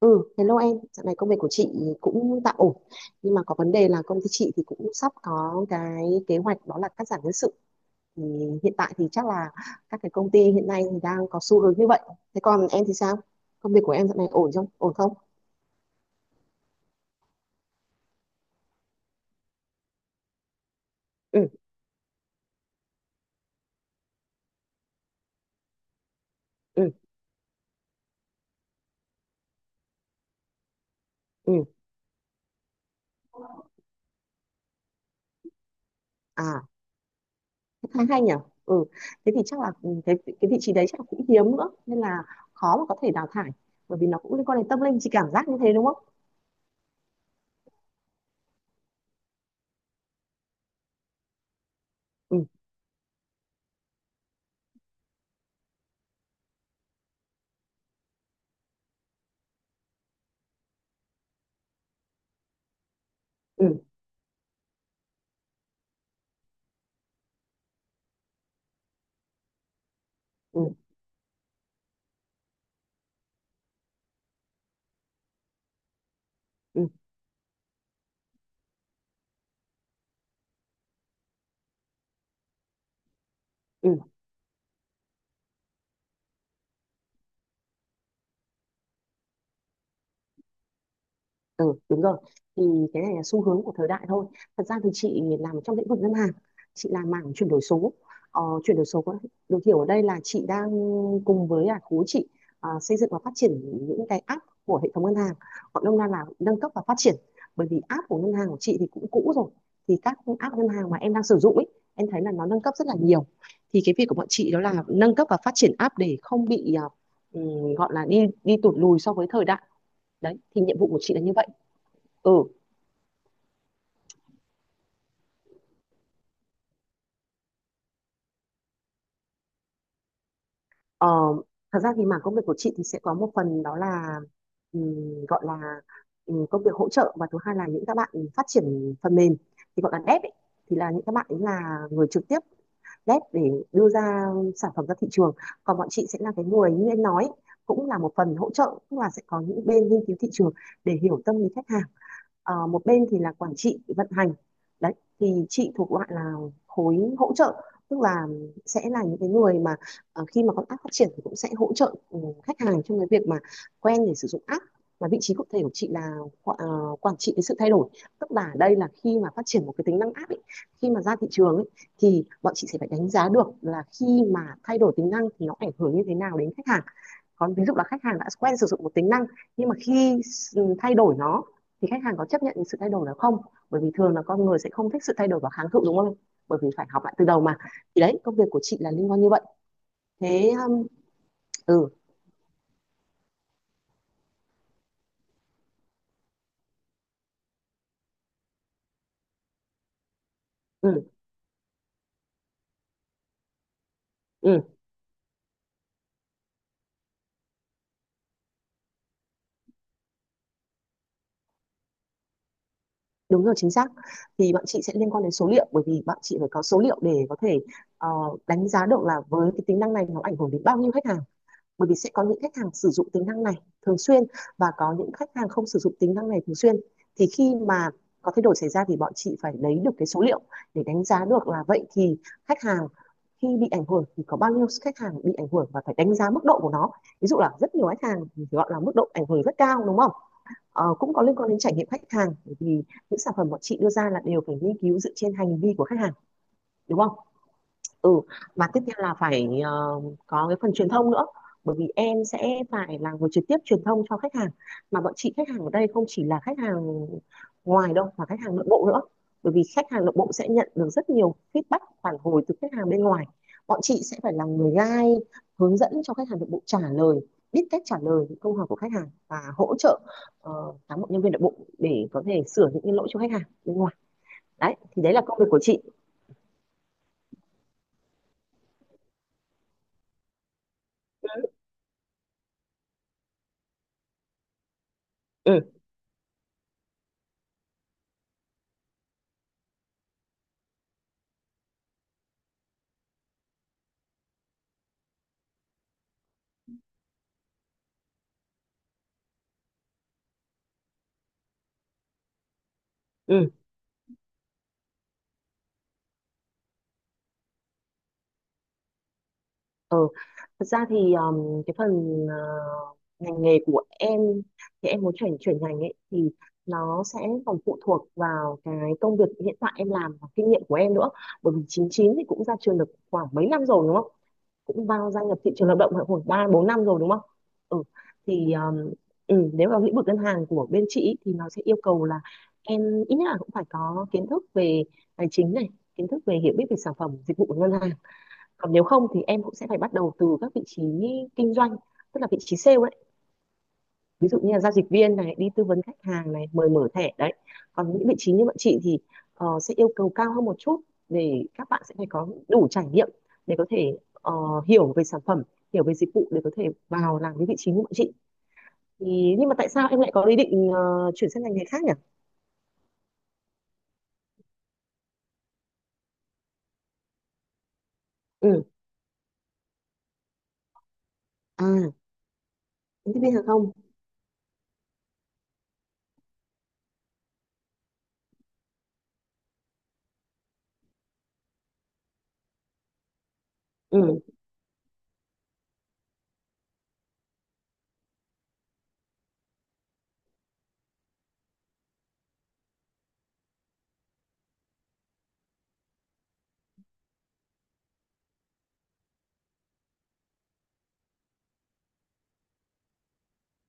Ừ, hello em, dạo này công việc của chị cũng tạm ổn nhưng mà có vấn đề là công ty chị thì cũng sắp có cái kế hoạch đó là cắt giảm nhân sự. Thì hiện tại thì chắc là các cái công ty hiện nay thì đang có xu hướng như vậy. Thế còn em thì sao? Công việc của em dạo này ổn không? Ổn không? Ừ, ừ, ừ, à, thế khá hay nhỉ. ừ, Thế thì chắc là cái vị trí đấy chắc là cũng hiếm nữa nên là khó mà có thể đào thải, bởi vì nó cũng liên quan đến tâm linh, chị cảm giác như thế đúng không? Ừ, ừ, ừ, ừ, ừ. Ừ, đúng rồi. Thì cái này là xu hướng của thời đại thôi. Thật ra thì chị làm trong lĩnh vực ngân hàng, chị làm mảng chuyển đổi số. Ờ, chuyển đổi số được hiểu ở đây là chị đang cùng với khối chị xây dựng và phát triển những cái app của hệ thống ngân hàng. Gọi nôm na là nâng cấp và phát triển. Bởi vì app của ngân hàng của chị thì cũng cũ rồi. Thì các app ngân hàng mà em đang sử dụng ấy, em thấy là nó nâng cấp rất là nhiều. Thì cái việc của bọn chị đó là nâng cấp và phát triển app để không bị gọi là đi đi tụt lùi so với thời đại. Đấy, thì nhiệm vụ của chị là như vậy. Ừ, ờ, thật ra thì mảng công việc của chị thì sẽ có một phần đó là gọi là công việc hỗ trợ, và thứ hai là những các bạn phát triển phần mềm, thì gọi là dev ấy, thì là những các bạn ấy là người trực tiếp dev để đưa ra sản phẩm ra thị trường. Còn bọn chị sẽ là cái người như anh nói ấy, cũng là một phần hỗ trợ, tức là sẽ có những bên nghiên cứu thị trường để hiểu tâm lý khách hàng. Một bên thì là quản trị vận hành, đấy thì chị thuộc loại là khối hỗ trợ, tức là sẽ là những cái người mà khi mà con app phát triển thì cũng sẽ hỗ trợ khách hàng trong cái việc mà quen để sử dụng app, và vị trí cụ thể của chị là quản trị cái sự thay đổi, tức là ở đây là khi mà phát triển một cái tính năng app ấy, khi mà ra thị trường ấy, thì bọn chị sẽ phải đánh giá được là khi mà thay đổi tính năng thì nó ảnh hưởng như thế nào đến khách hàng. Còn ví dụ là khách hàng đã quen sử dụng một tính năng, nhưng mà khi thay đổi nó thì khách hàng có chấp nhận sự thay đổi đó không, bởi vì thường là con người sẽ không thích sự thay đổi và kháng cự đúng không, bởi vì phải học lại từ đầu mà. Thì đấy công việc của chị là liên quan như vậy. Thế ừ, ừ, ừ, đúng rồi chính xác. Thì bọn chị sẽ liên quan đến số liệu, bởi vì bọn chị phải có số liệu để có thể ờ, đánh giá được là với cái tính năng này nó ảnh hưởng đến bao nhiêu khách hàng. Bởi vì sẽ có những khách hàng sử dụng tính năng này thường xuyên, và có những khách hàng không sử dụng tính năng này thường xuyên, thì khi mà có thay đổi xảy ra thì bọn chị phải lấy được cái số liệu để đánh giá được là vậy thì khách hàng khi bị ảnh hưởng thì có bao nhiêu khách hàng bị ảnh hưởng, và phải đánh giá mức độ của nó, ví dụ là rất nhiều khách hàng thì gọi là mức độ ảnh hưởng rất cao đúng không. Cũng có liên quan đến trải nghiệm khách hàng, bởi vì những sản phẩm bọn chị đưa ra là đều phải nghiên cứu dựa trên hành vi của khách hàng đúng không. Ừ, và tiếp theo là phải có cái phần truyền thông nữa, bởi vì em sẽ phải là người trực tiếp truyền thông cho khách hàng. Mà bọn chị khách hàng ở đây không chỉ là khách hàng ngoài đâu mà khách hàng nội bộ nữa, bởi vì khách hàng nội bộ sẽ nhận được rất nhiều feedback phản hồi từ khách hàng bên ngoài. Bọn chị sẽ phải là người guide, hướng dẫn cho khách hàng nội bộ trả lời, biết cách trả lời những câu hỏi của khách hàng, và hỗ trợ ờ, cán bộ nhân viên nội bộ để có thể sửa những cái lỗi cho khách hàng bên ngoài. Đấy thì đấy là công việc của chị. Ừ, ừ, ừ, ừ. Thật ra thì cái phần ờ, ngành nghề của em thì em muốn chuyển chuyển ngành ấy thì nó sẽ còn phụ thuộc vào cái công việc hiện tại em làm và kinh nghiệm của em nữa, bởi vì 99 thì cũng ra trường được khoảng mấy năm rồi đúng không, cũng vào gia nhập thị trường lao động khoảng ba bốn năm rồi đúng không. Ừ, thì nếu vào lĩnh vực ngân hàng của bên chị ý, thì nó sẽ yêu cầu là em ít nhất là cũng phải có kiến thức về tài chính này, kiến thức về hiểu biết về sản phẩm dịch vụ của ngân hàng. Còn nếu không thì em cũng sẽ phải bắt đầu từ các vị trí kinh doanh, tức là vị trí sale ấy, ví dụ như là giao dịch viên này, đi tư vấn khách hàng này, mời mở thẻ đấy. Còn những vị trí như bọn chị thì sẽ yêu cầu cao hơn một chút, để các bạn sẽ phải có đủ trải nghiệm để có thể hiểu về sản phẩm, hiểu về dịch vụ để có thể vào làm cái vị trí như bọn chị. Thì nhưng mà tại sao em lại có ý định chuyển sang ngành nghề khác nhỉ. Ừ, à, tiếp viên hàng không, ừ,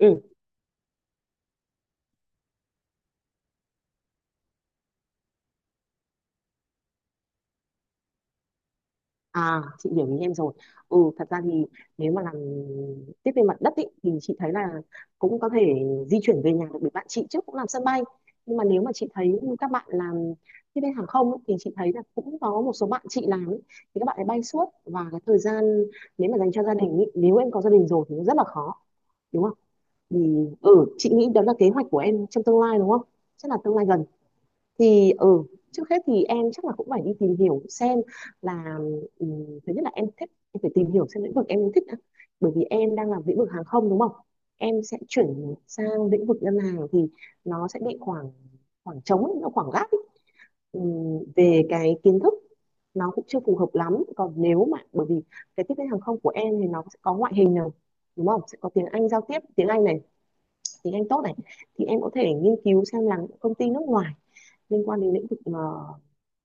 ừ. À, chị hiểu ý em rồi. Ừ, thật ra thì nếu mà làm tiếp viên mặt đất ý, thì chị thấy là cũng có thể di chuyển về nhà được, bởi bạn chị trước cũng làm sân bay. Nhưng mà nếu mà chị thấy các bạn làm tiếp viên hàng không ý, thì chị thấy là cũng có một số bạn chị làm ý, thì các bạn ấy bay suốt và cái thời gian nếu mà dành cho gia đình ý, nếu em có gia đình rồi thì nó rất là khó, đúng không? Thì chị nghĩ đó là kế hoạch của em trong tương lai đúng không? Chắc là tương lai gần. Thì trước hết thì em chắc là cũng phải đi tìm hiểu xem là ừm, thứ nhất là em thích, em phải tìm hiểu xem lĩnh vực em thích đã. Bởi vì em đang làm lĩnh vực hàng không đúng không, em sẽ chuyển sang lĩnh vực ngân hàng thì nó sẽ bị khoảng, khoảng trống ấy, nó khoảng gap ấy. Về cái kiến thức nó cũng chưa phù hợp lắm, còn nếu mà bởi vì cái tiếp viên hàng không của em thì nó sẽ có ngoại hình này đúng không, sẽ có tiếng Anh giao tiếp, tiếng Anh này, tiếng Anh tốt này, thì em có thể nghiên cứu xem là công ty nước ngoài liên quan đến lĩnh vực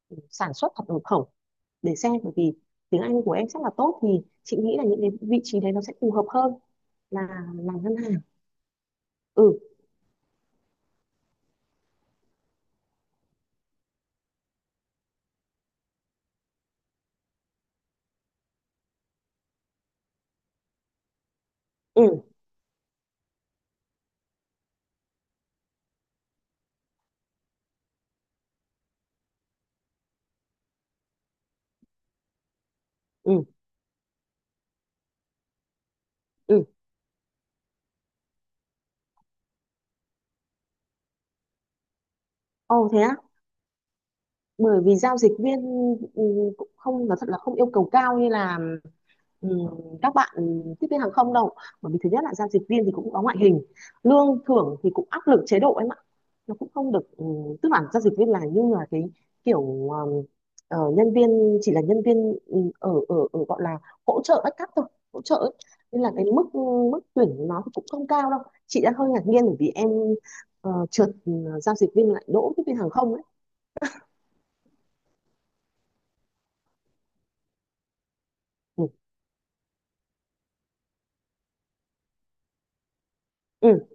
ờ, sản xuất hoặc nhập khẩu, để xem bởi vì tiếng Anh của em rất là tốt, thì chị nghĩ là những cái vị trí đấy nó sẽ phù hợp hơn là làm ngân hàng. Ừ, ừ, ừ, ừ, ồ thế á. Bởi vì giao dịch viên ừ, cũng không là thật là không yêu cầu cao như là Ừ, các bạn tiếp viên hàng không đâu. Bởi vì thứ nhất là giao dịch viên thì cũng có ngoại hình, lương thưởng thì cũng áp lực, chế độ em ạ nó cũng không được. Ừ, Tức là giao dịch viên là như là cái kiểu nhân viên, chỉ là nhân viên ở ở ở gọi là hỗ trợ backup thôi, hỗ trợ ấy. Nên là cái mức, mức tuyển nó thì cũng không cao đâu. Chị đã hơi ngạc nhiên bởi vì em trượt giao dịch viên lại đỗ tiếp viên hàng không ấy. Ừ, ừ,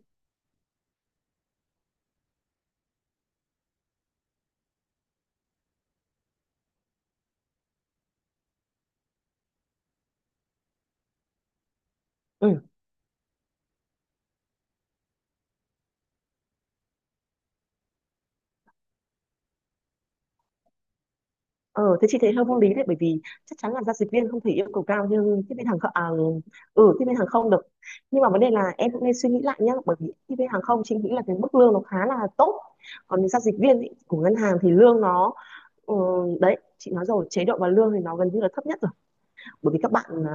ừ. Ờ, thế chị thấy hơi vô lý đấy, bởi vì chắc chắn là giao dịch viên không thể yêu cầu cao như tiếp viên hàng không, tiếp viên hàng không được. Nhưng mà vấn đề là em cũng nên suy nghĩ lại nhá, bởi vì tiếp viên hàng không chị nghĩ là cái mức lương nó khá là tốt. Còn giao dịch viên ý, của ngân hàng thì lương nó, ừ, đấy chị nói rồi, chế độ và lương thì nó gần như là thấp nhất rồi. Bởi vì các bạn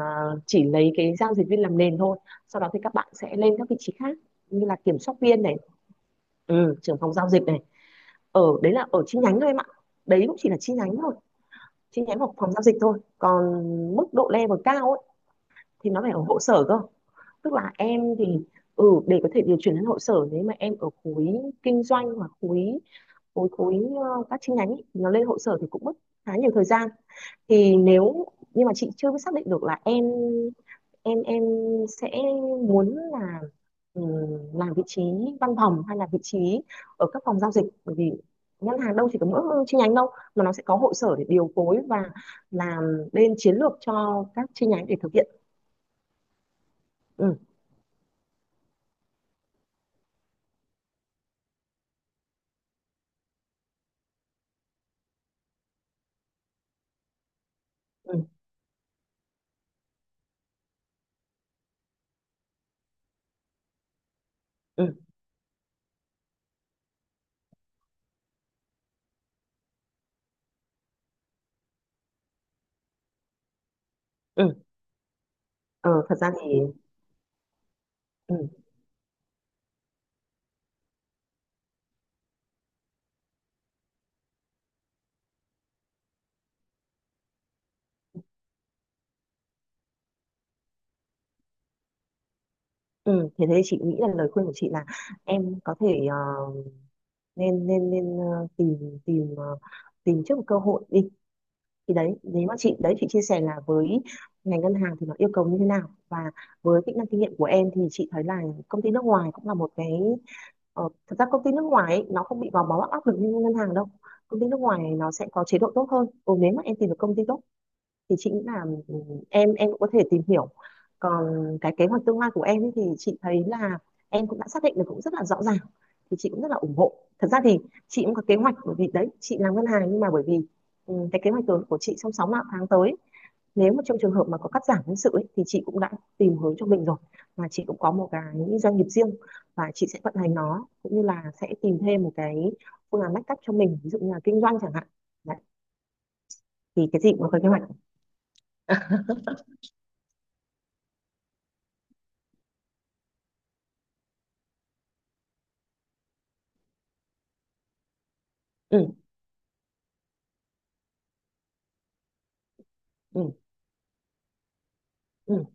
chỉ lấy cái giao dịch viên làm nền thôi, sau đó thì các bạn sẽ lên các vị trí khác như là kiểm soát viên này, trưởng phòng giao dịch này, ở đấy là ở chi nhánh thôi em ạ. Đấy cũng chỉ là chi nhánh thôi, chi nhánh hoặc phòng giao dịch thôi. Còn mức độ level cao ấy, thì nó phải ở hội sở cơ, tức là em thì ừ, để có thể điều chuyển đến hội sở nếu mà em ở khối kinh doanh hoặc khối khối khối các chi nhánh ấy, thì nó lên hội sở thì cũng mất khá nhiều thời gian. Thì nếu, nhưng mà chị chưa biết xác định được là em sẽ muốn là ừm, làm vị trí văn phòng hay là vị trí ở các phòng giao dịch. Bởi vì ngân hàng đâu chỉ có mỗi chi nhánh đâu, mà nó sẽ có hội sở để điều phối và làm bên chiến lược cho các chi nhánh để thực hiện. Ừ, ừ, ừ, ừ, ờ, thật ra thì, ừ, ừ, thế thế chị nghĩ là lời khuyên của chị là em có thể nên nên nên tìm tìm tìm trước một cơ hội đi. Thì đấy nếu mà chị, đấy chị chia sẻ là với ngành ngân hàng thì nó yêu cầu như thế nào, và với kỹ năng kinh nghiệm của em thì chị thấy là công ty nước ngoài cũng là một cái, thật ra công ty nước ngoài ấy, nó không bị gò bó áp lực như ngân hàng đâu. Công ty nước ngoài nó sẽ có chế độ tốt hơn, nếu mà em tìm được công ty tốt thì chị nghĩ là em cũng có thể tìm hiểu. Còn cái kế hoạch tương lai của em ấy thì chị thấy là em cũng đã xác định được cũng rất là rõ ràng, thì chị cũng rất là ủng hộ. Thật ra thì chị cũng có kế hoạch, bởi vì đấy chị làm ngân hàng, nhưng mà bởi vì cái kế hoạch của chị trong 6 tháng tới, nếu mà trong trường hợp mà có cắt giảm nhân sự ấy, thì chị cũng đã tìm hướng cho mình rồi. Và chị cũng có một cái doanh nghiệp riêng, và chị sẽ vận hành nó, cũng như là sẽ tìm thêm một cái phương án backup cho mình, ví dụ như là kinh doanh chẳng hạn, đấy, thì cái gì cũng có kế hoạch. Ừ, ừ, ừ.